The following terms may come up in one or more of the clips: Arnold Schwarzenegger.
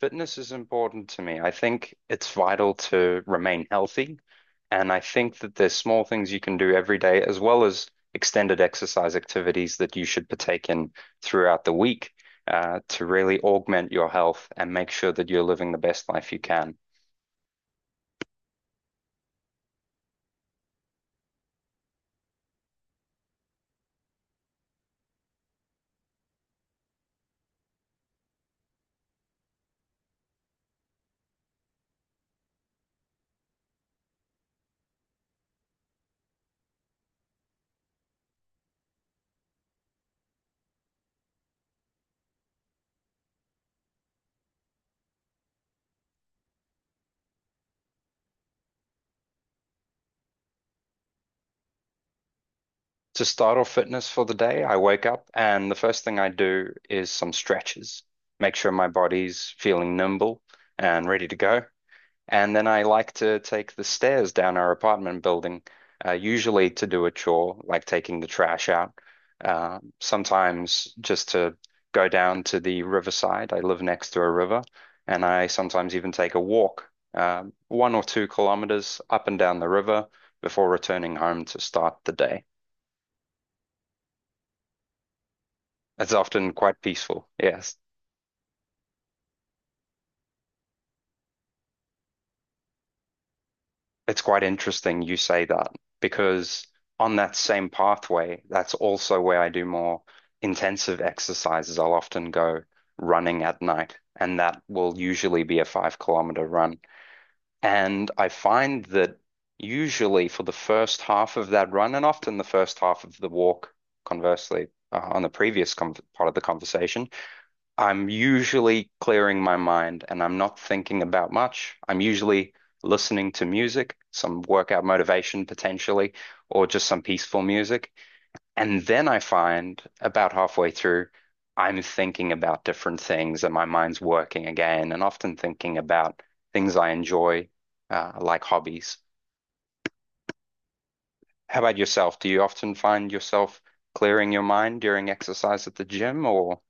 Fitness is important to me. I think it's vital to remain healthy. And I think that there's small things you can do every day, as well as extended exercise activities that you should partake in throughout the week, to really augment your health and make sure that you're living the best life you can. To start off fitness for the day, I wake up and the first thing I do is some stretches, make sure my body's feeling nimble and ready to go. And then I like to take the stairs down our apartment building, usually to do a chore, like taking the trash out. Sometimes just to go down to the riverside. I live next to a river, and I sometimes even take a walk, 1 or 2 kilometers up and down the river before returning home to start the day. It's often quite peaceful, yes. It's quite interesting you say that because on that same pathway, that's also where I do more intensive exercises. I'll often go running at night, and that will usually be a 5 kilometer run. And I find that usually for the first half of that run, and often the first half of the walk, conversely, on the previous part of the conversation, I'm usually clearing my mind and I'm not thinking about much. I'm usually listening to music, some workout motivation potentially, or just some peaceful music. And then I find about halfway through, I'm thinking about different things and my mind's working again, and often thinking about things I enjoy, like hobbies. How about yourself? Do you often find yourself clearing your mind during exercise at the gym or?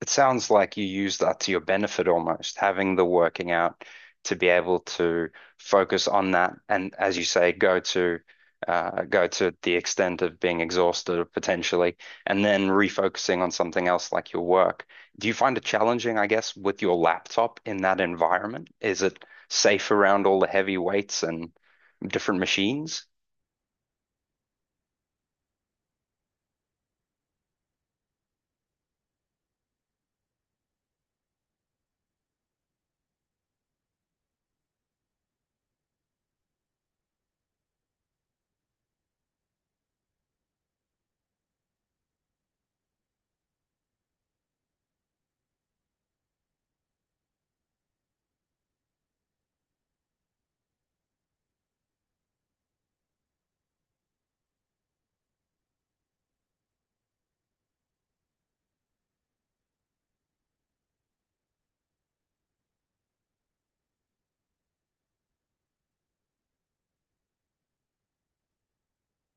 It sounds like you use that to your benefit almost, having the working out to be able to focus on that and, as you say, go to go to the extent of being exhausted potentially, and then refocusing on something else like your work. Do you find it challenging, I guess, with your laptop in that environment? Is it safe around all the heavy weights and different machines?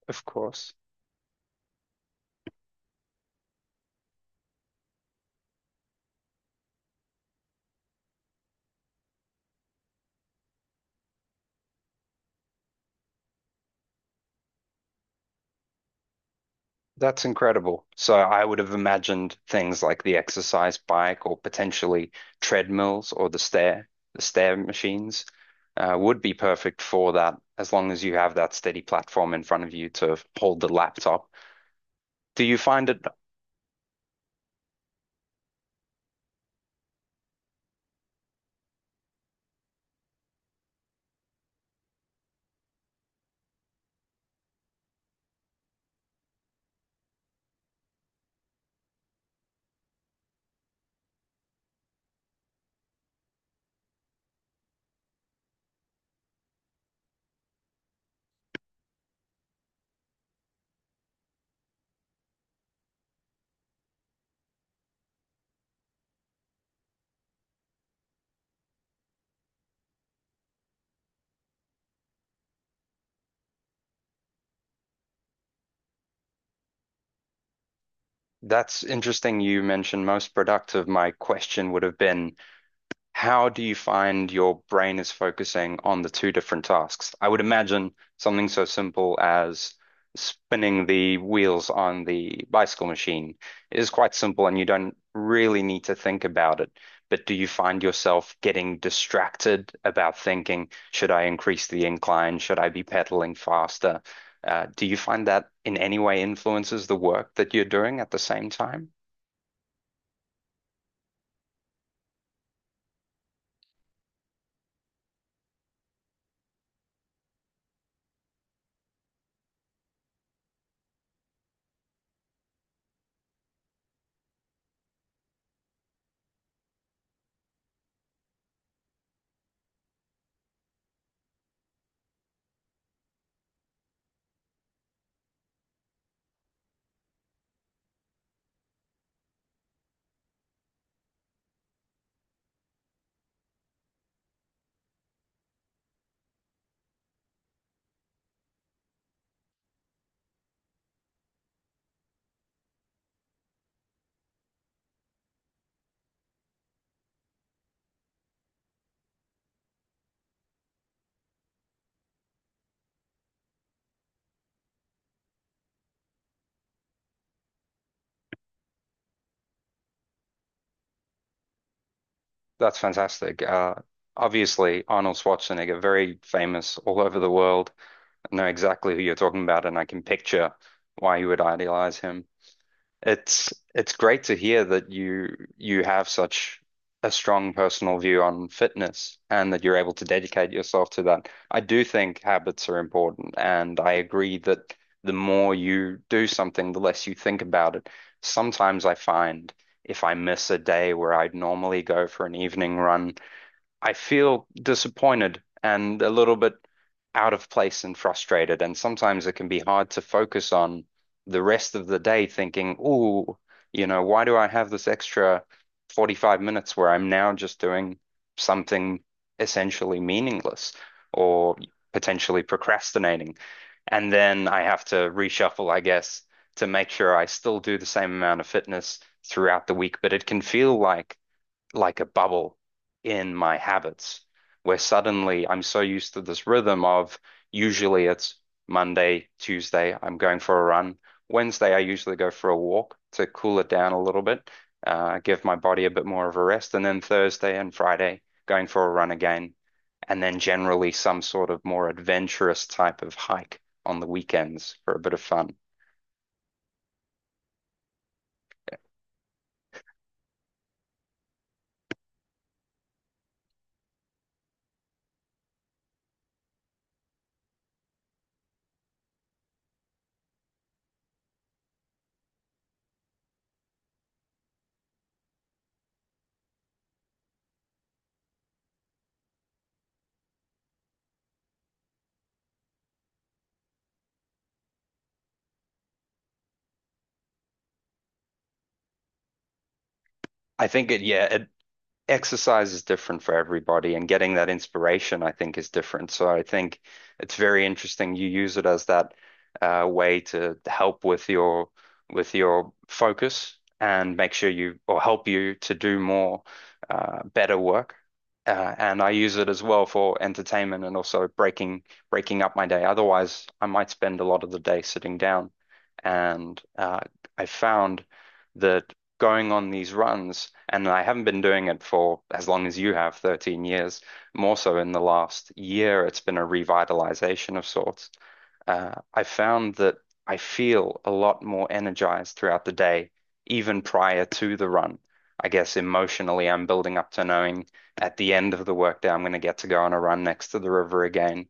Of course. That's incredible. So I would have imagined things like the exercise bike or potentially treadmills or the stair machines, would be perfect for that as long as you have that steady platform in front of you to hold the laptop. Do you find it that's interesting you mentioned most productive? My question would have been how do you find your brain is focusing on the two different tasks? I would imagine something so simple as spinning the wheels on the bicycle machine is quite simple and you don't really need to think about it. But do you find yourself getting distracted about thinking, should I increase the incline? Should I be pedaling faster? Do you find that in any way influences the work that you're doing at the same time? That's fantastic. Obviously, Arnold Schwarzenegger, very famous all over the world. I know exactly who you're talking about, and I can picture why you would idealize him. It's great to hear that you have such a strong personal view on fitness and that you're able to dedicate yourself to that. I do think habits are important, and I agree that the more you do something, the less you think about it. Sometimes I find if I miss a day where I'd normally go for an evening run, I feel disappointed and a little bit out of place and frustrated. And sometimes it can be hard to focus on the rest of the day thinking, oh, you know, why do I have this extra 45 minutes where I'm now just doing something essentially meaningless or potentially procrastinating? And then I have to reshuffle, I guess, to make sure I still do the same amount of fitness throughout the week. But it can feel like a bubble in my habits where suddenly I'm so used to this rhythm of usually it's Monday, Tuesday, I'm going for a run. Wednesday, I usually go for a walk to cool it down a little bit, give my body a bit more of a rest. And then Thursday and Friday, going for a run again. And then generally some sort of more adventurous type of hike on the weekends for a bit of fun. I think it, yeah, it, exercise is different for everybody, and getting that inspiration, I think, is different. So I think it's very interesting. You use it as that way to help with your focus and make sure you or help you to do more better work. And I use it as well for entertainment and also breaking up my day. Otherwise, I might spend a lot of the day sitting down. And I found that going on these runs, and I haven't been doing it for as long as you have, 13 years. More so in the last year, it's been a revitalization of sorts. I found that I feel a lot more energized throughout the day, even prior to the run. I guess emotionally, I'm building up to knowing at the end of the workday, I'm going to get to go on a run next to the river again,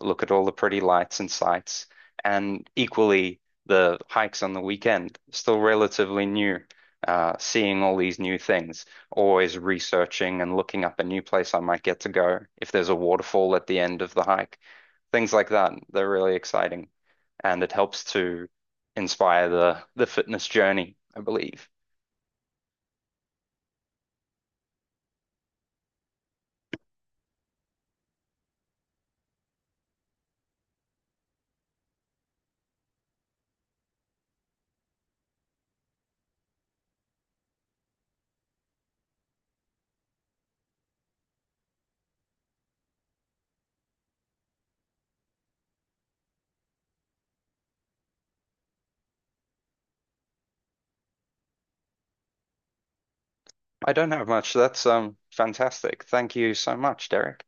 look at all the pretty lights and sights, and equally, the hikes on the weekend, still relatively new seeing all these new things, always researching and looking up a new place I might get to go, if there's a waterfall at the end of the hike, things like that. They're really exciting, and it helps to inspire the fitness journey, I believe. I don't have much. That's fantastic. Thank you so much, Derek.